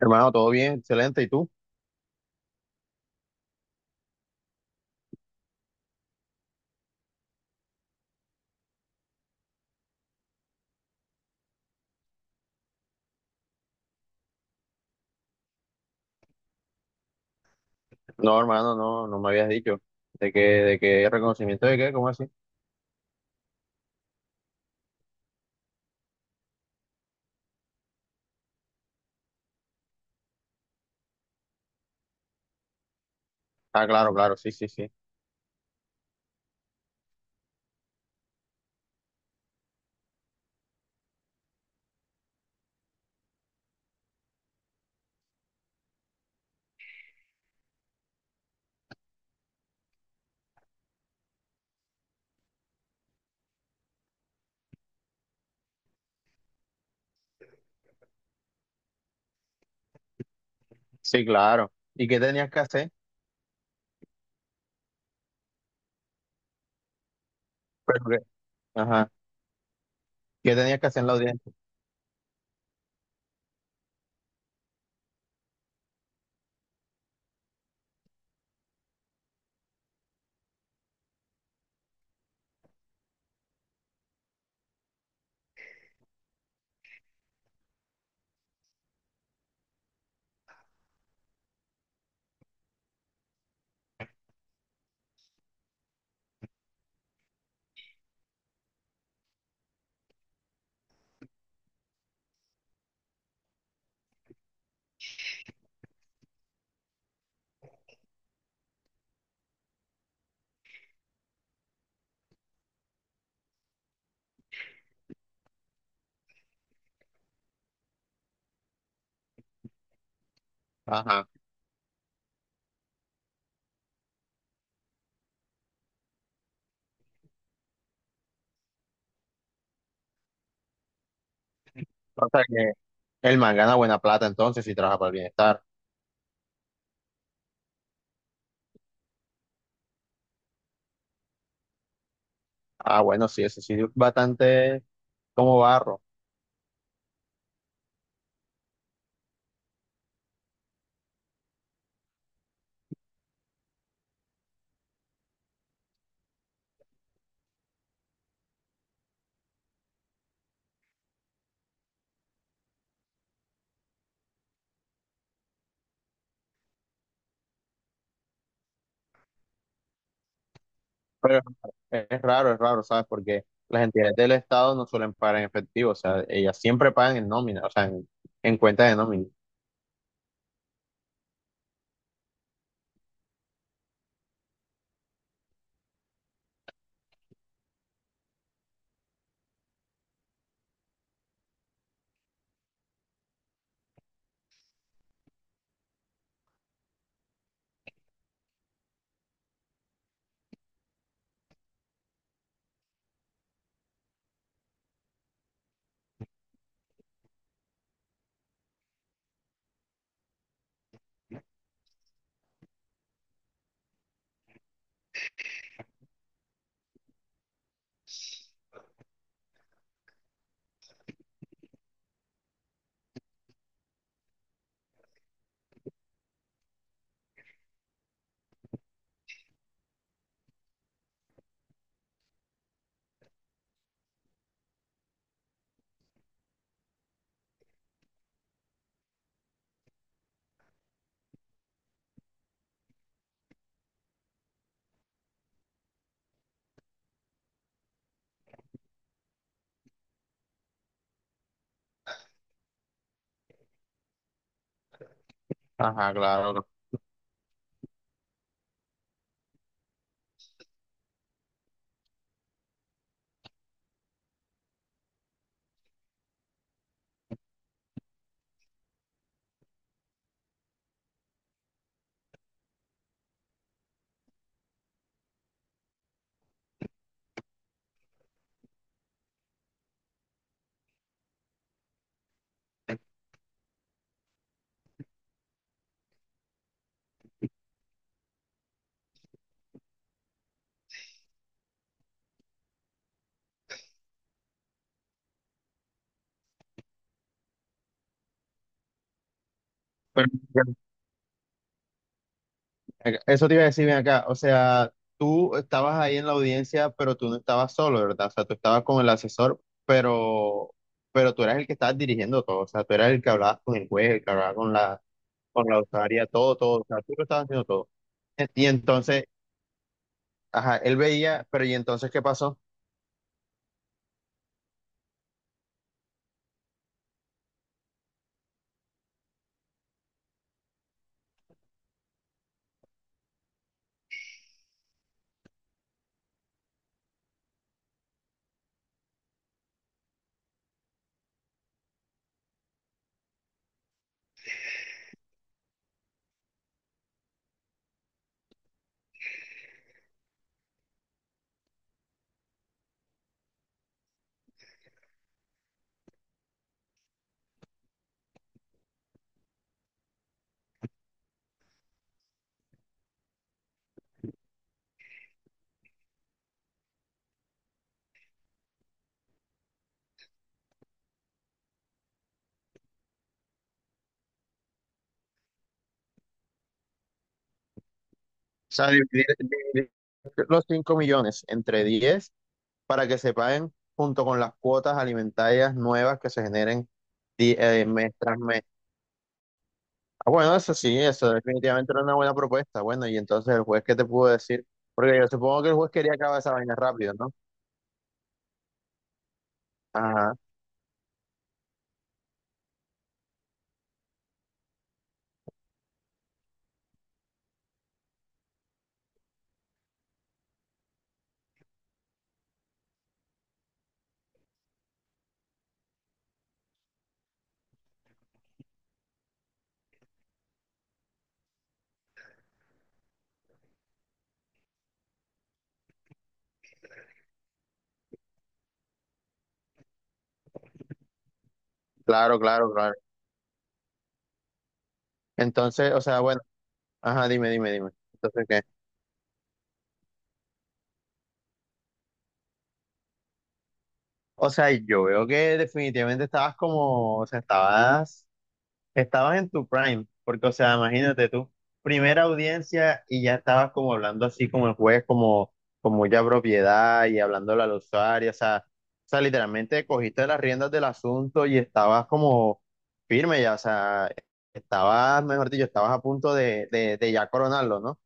Hermano, todo bien, excelente. ¿Y tú? No, hermano, no me habías dicho. De qué reconocimiento de qué? ¿Cómo así? Ah, claro, claro, sí, sí, sí. Sí, claro. ¿Y qué tenías que hacer? Pero que- Ajá. ¿Qué tenías que hacer en la audiencia? Ajá. O sea que el man gana buena plata entonces y trabaja para el bienestar. Ah, bueno, sí, eso sí, bastante como barro. Pero es raro, es raro, ¿sabes? Porque las entidades del Estado no suelen pagar en efectivo, o sea, ellas siempre pagan en nómina, o sea, en cuenta de nómina. Ajá, claro. Eso te iba a decir bien acá, o sea, tú estabas ahí en la audiencia, pero tú no estabas solo, ¿verdad? O sea, tú estabas con el asesor, pero, pero tú eras el que estabas dirigiendo todo, o sea, tú eras el que hablabas con el juez, el que hablaba con la usuaria, todo, todo, o sea, tú lo estabas haciendo todo. Y entonces, ajá, él veía, pero ¿y entonces qué pasó? O sea, dividir, dividir los 5.000.000 entre 10 para que se paguen junto con las cuotas alimentarias nuevas que se generen mes tras mes. Ah, bueno, eso sí, eso definitivamente era una buena propuesta. Bueno, y entonces el juez, ¿qué te pudo decir? Porque yo supongo que el juez quería acabar esa vaina rápido, ¿no? Ajá, claro, claro, claro. Entonces, o sea, bueno, ajá, dime, dime, dime. Entonces, ¿qué? O sea, yo veo que definitivamente estabas como, o sea, estabas. Estabas en tu prime, porque, o sea, imagínate tú, primera audiencia y ya estabas como hablando así como el juez, como, como ya propiedad y hablándole al usuario, o sea, literalmente cogiste las riendas del asunto y estabas como firme ya, o sea, estabas, mejor dicho, estabas a punto de ya coronarlo, ¿no?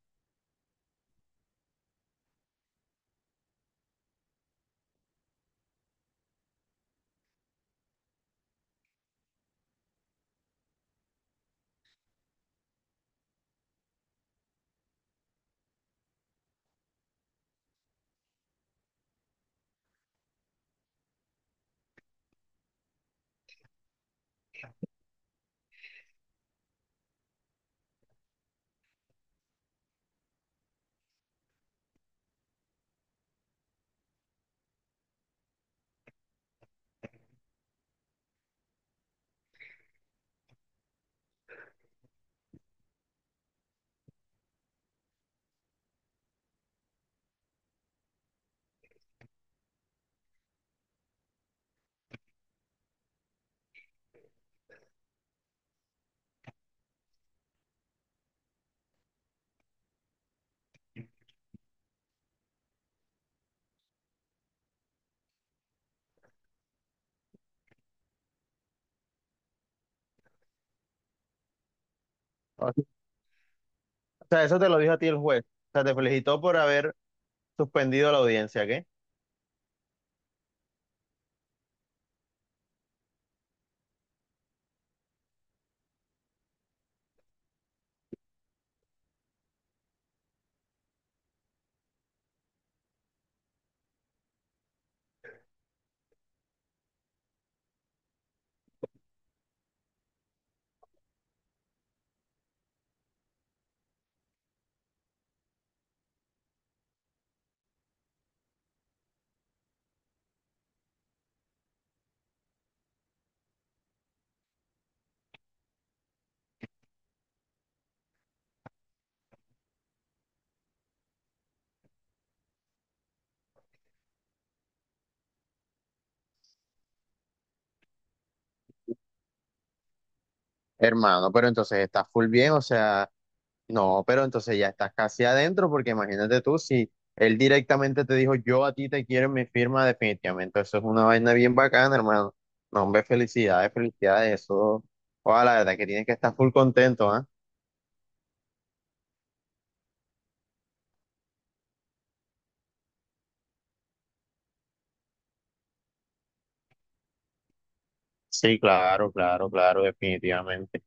O sea, eso te lo dijo a ti el juez, o sea, te felicitó por haber suspendido la audiencia, ¿qué? Hermano, pero entonces estás full bien, o sea... No, pero entonces ya estás casi adentro, porque imagínate tú, si él directamente te dijo, yo a ti te quiero en mi firma, definitivamente, eso es una vaina bien bacana, hermano. No, hombre, felicidades, felicidades, eso, ojalá, la verdad que tienes que estar full contento, ¿ah? Sí, claro, claro, claro, definitivamente.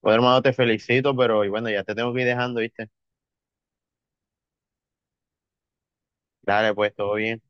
Bueno, hermano, te felicito, pero y bueno, ya te tengo que ir dejando, ¿viste? Dale, pues, todo bien.